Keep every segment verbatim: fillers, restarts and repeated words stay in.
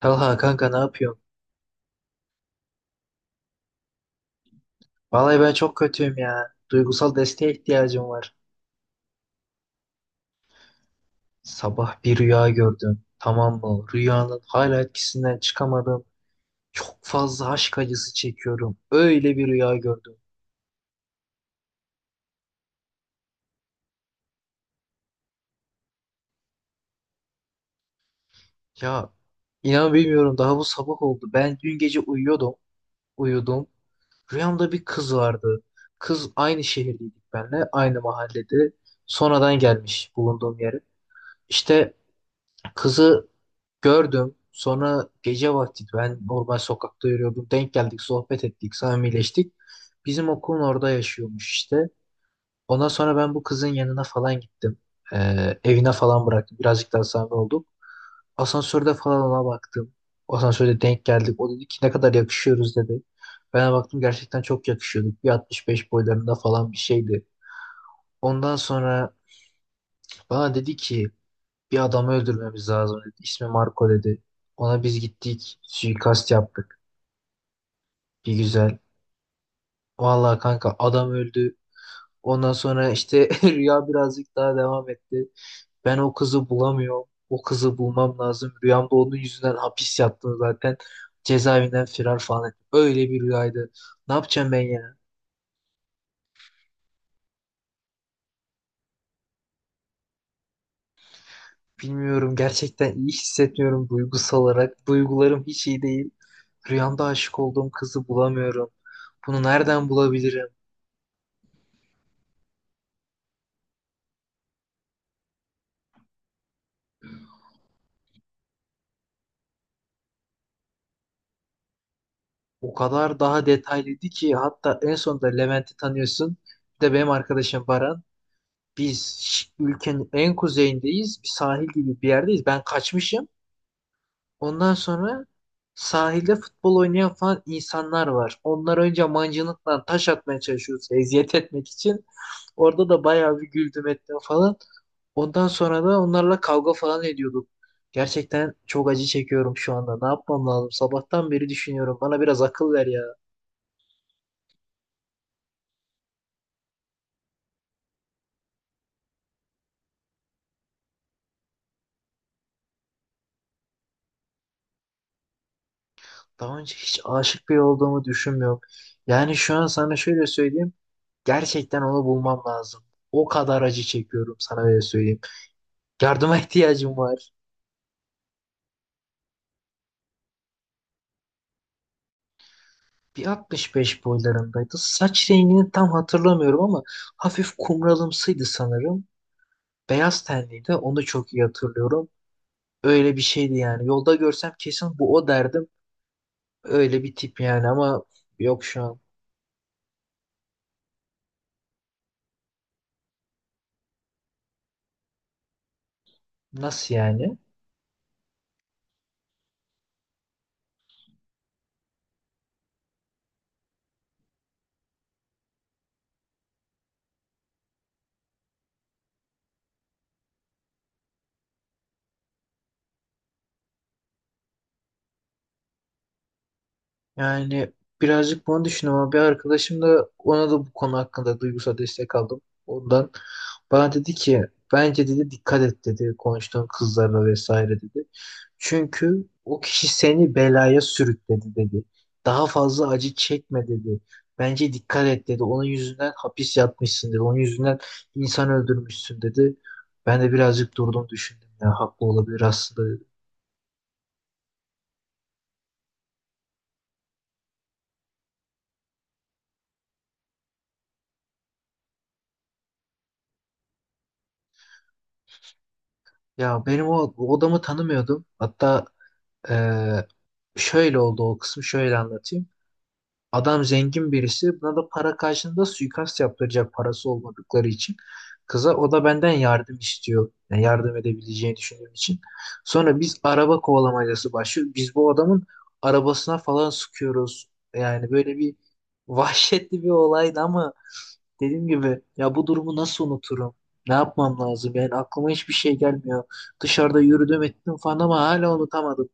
Talha kanka ne yapıyorsun? Vallahi ben çok kötüyüm ya. Duygusal desteğe ihtiyacım var. Sabah bir rüya gördüm. Tamam mı? Rüyanın hala etkisinden çıkamadım. Çok fazla aşk acısı çekiyorum. Öyle bir rüya gördüm. Ya inan bilmiyorum, daha bu sabah oldu. Ben dün gece uyuyordum. Uyudum. Rüyamda bir kız vardı. Kız aynı şehirdeydik benle, aynı mahallede. Sonradan gelmiş bulunduğum yere. İşte kızı Gördüm. Sonra gece vakti ben normal sokakta yürüyordum. Denk geldik, sohbet ettik, samimileştik. Bizim okulun orada yaşıyormuş işte. Ondan sonra ben bu kızın yanına falan gittim. Ee, evine falan bıraktım. Birazcık daha samimi olduk. Asansörde falan ona baktım. Asansörde denk geldik. O dedi ki ne kadar yakışıyoruz dedi. Ben de baktım, gerçekten çok yakışıyorduk. Bir altmış beş boylarında falan bir şeydi. Ondan sonra bana dedi ki bir adamı öldürmemiz lazım dedi. İsmi Marco dedi. Ona biz gittik. Suikast yaptık. Bir güzel. Vallahi kanka adam öldü. Ondan sonra işte rüya birazcık daha devam etti. Ben o kızı bulamıyorum. O kızı bulmam lazım. Rüyamda onun yüzünden hapis yattım zaten. Cezaevinden firar falan ettim. Öyle bir rüyaydı. Ne yapacağım ben ya? Bilmiyorum. Gerçekten iyi hissetmiyorum duygusal olarak. Duygularım hiç iyi değil. Rüyamda aşık olduğum kızı bulamıyorum. Bunu nereden bulabilirim? O kadar daha detaylıydı ki hatta en sonunda Levent'i tanıyorsun. Bir de benim arkadaşım Baran. Biz ş- ülkenin en kuzeyindeyiz. Bir sahil gibi bir yerdeyiz. Ben kaçmışım. Ondan sonra sahilde futbol oynayan falan insanlar var. Onlar önce mancınıkla taş atmaya çalışıyoruz. Eziyet etmek için. Orada da bayağı bir güldüm ettim falan. Ondan sonra da onlarla kavga falan ediyorduk. Gerçekten çok acı çekiyorum şu anda. Ne yapmam lazım? Sabahtan beri düşünüyorum. Bana biraz akıl ver ya. Daha önce hiç aşık biri olduğumu düşünmüyorum. Yani şu an sana şöyle söyleyeyim. Gerçekten onu bulmam lazım. O kadar acı çekiyorum sana öyle söyleyeyim. Yardıma ihtiyacım var. Bir altmış beş boylarındaydı. Saç rengini tam hatırlamıyorum ama hafif kumralımsıydı sanırım. Beyaz tenliydi. Onu çok iyi hatırlıyorum. Öyle bir şeydi yani. Yolda görsem kesin bu o derdim. Öyle bir tip yani ama yok şu an. Nasıl yani? Yani birazcık bunu düşündüm ama bir arkadaşım da, ona da bu konu hakkında duygusal destek aldım. Ondan bana dedi ki bence dedi dikkat et dedi konuştuğun kızlarla vesaire dedi. Çünkü o kişi seni belaya sürükledi dedi. Daha fazla acı çekme dedi. Bence dikkat et dedi. Onun yüzünden hapis yatmışsın dedi. Onun yüzünden insan öldürmüşsün dedi. Ben de birazcık durdum düşündüm ya haklı olabilir aslında dedi. Ya benim o o adamı tanımıyordum. Hatta Ee, şöyle oldu, o kısmı şöyle anlatayım. Adam zengin birisi, buna da para karşılığında suikast yaptıracak parası olmadıkları için. Kıza o da benden yardım istiyor. Yani yardım edebileceğini düşündüğüm için. Sonra biz araba kovalamacası başlıyor. Biz bu adamın arabasına falan sıkıyoruz. Yani böyle bir vahşetli bir olaydı ama dediğim gibi ya bu durumu nasıl unuturum? Ne yapmam lazım? Yani aklıma hiçbir şey gelmiyor. Dışarıda yürüdüm ettim falan ama hala unutamadım.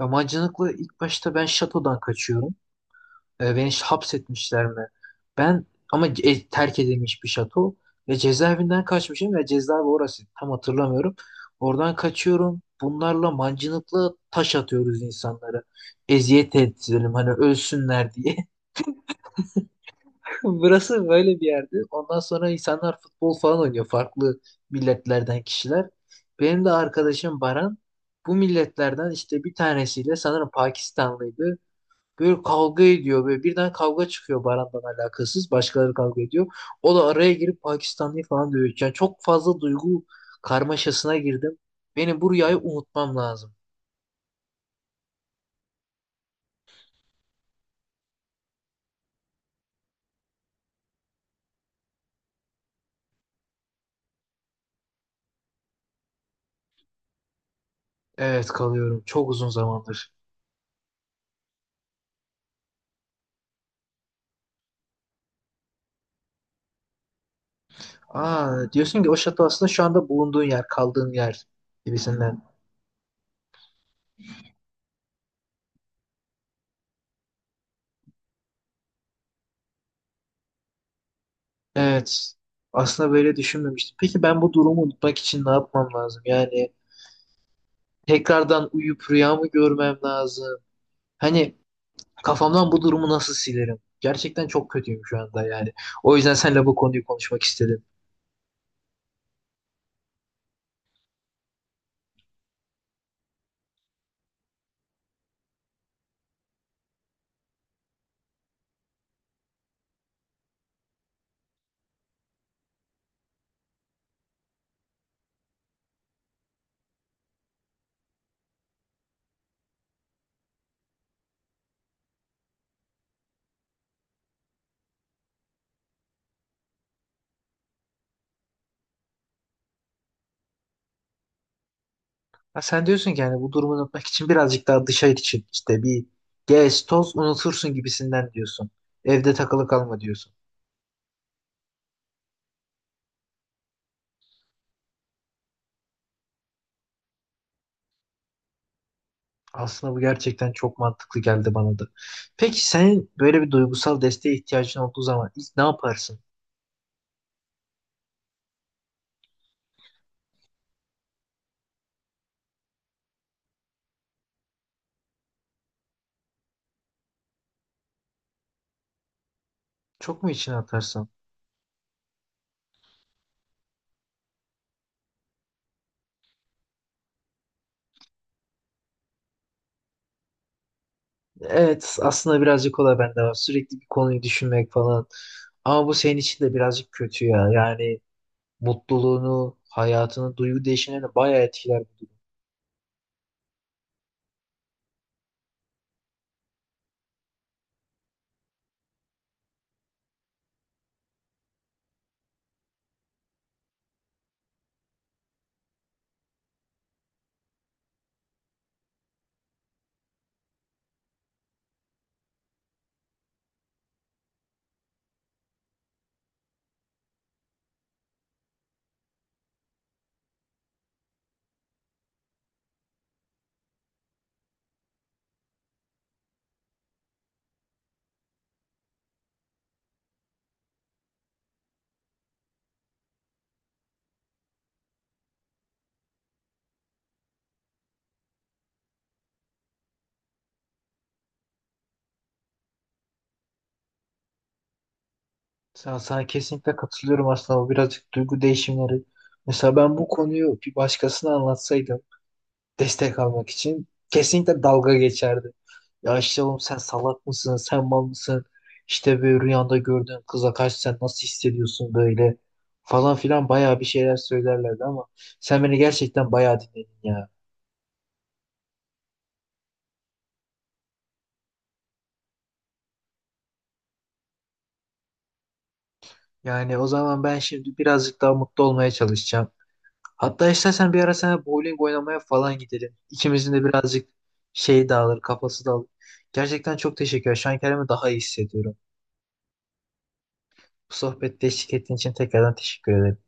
Yabancılıkla ilk başta ben şatodan kaçıyorum. E, beni ş- hapsetmişler mi? Ben ama e, terk edilmiş bir şato ve cezaevinden kaçmışım ve cezaevi orası tam hatırlamıyorum. Oradan kaçıyorum. Bunlarla mancınıkla taş atıyoruz insanlara. Eziyet edelim hani ölsünler diye. Burası böyle bir yerdi. Ondan sonra insanlar futbol falan oynuyor. Farklı milletlerden kişiler. Benim de arkadaşım Baran bu milletlerden işte bir tanesiyle, sanırım Pakistanlıydı. Böyle kavga ediyor ve birden kavga çıkıyor Baran'dan alakasız. Başkaları kavga ediyor. O da araya girip Pakistanlıyı falan dövüyor. Yani çok fazla duygu karmaşasına girdim. Benim bu rüyayı unutmam lazım. Evet kalıyorum. Çok uzun zamandır. Aa, diyorsun ki o şato aslında şu anda bulunduğun yer, kaldığın yer gibisinden. Evet. Aslında böyle düşünmemiştim. Peki ben bu durumu unutmak için ne yapmam lazım? Yani tekrardan uyup rüyamı görmem lazım. Hani kafamdan bu durumu nasıl silerim? Gerçekten çok kötüyüm şu anda yani. O yüzden seninle bu konuyu konuşmak istedim. Ha, sen diyorsun ki yani bu durumu unutmak için birazcık daha dışarı için işte bir gez toz unutursun gibisinden diyorsun. Evde takılı kalma diyorsun. Aslında bu gerçekten çok mantıklı geldi bana da. Peki senin böyle bir duygusal desteğe ihtiyacın olduğu zaman ilk ne yaparsın? Çok mu içine atarsın? Evet, aslında birazcık o da bende var. Sürekli bir konuyu düşünmek falan. Ama bu senin için de birazcık kötü ya. Yani mutluluğunu, hayatını, duygu değişimlerini bayağı etkiler bu. Sana, sana kesinlikle katılıyorum, aslında bu birazcık duygu değişimleri. Mesela ben bu konuyu bir başkasına anlatsaydım destek almak için kesinlikle dalga geçerdi. Ya işte oğlum sen salak mısın, sen mal mısın? İşte böyle rüyanda gördüğün kıza karşı sen nasıl hissediyorsun böyle falan filan bayağı bir şeyler söylerlerdi ama sen beni gerçekten bayağı dinledin ya. Yani o zaman ben şimdi birazcık daha mutlu olmaya çalışacağım. Hatta istersen bir ara sana bowling oynamaya falan gidelim. İkimizin de birazcık şey dağılır, kafası dağılır. Gerçekten çok teşekkür ederim. Şu an kendimi daha iyi hissediyorum. Bu sohbette eşlik ettiğin için tekrardan teşekkür ederim.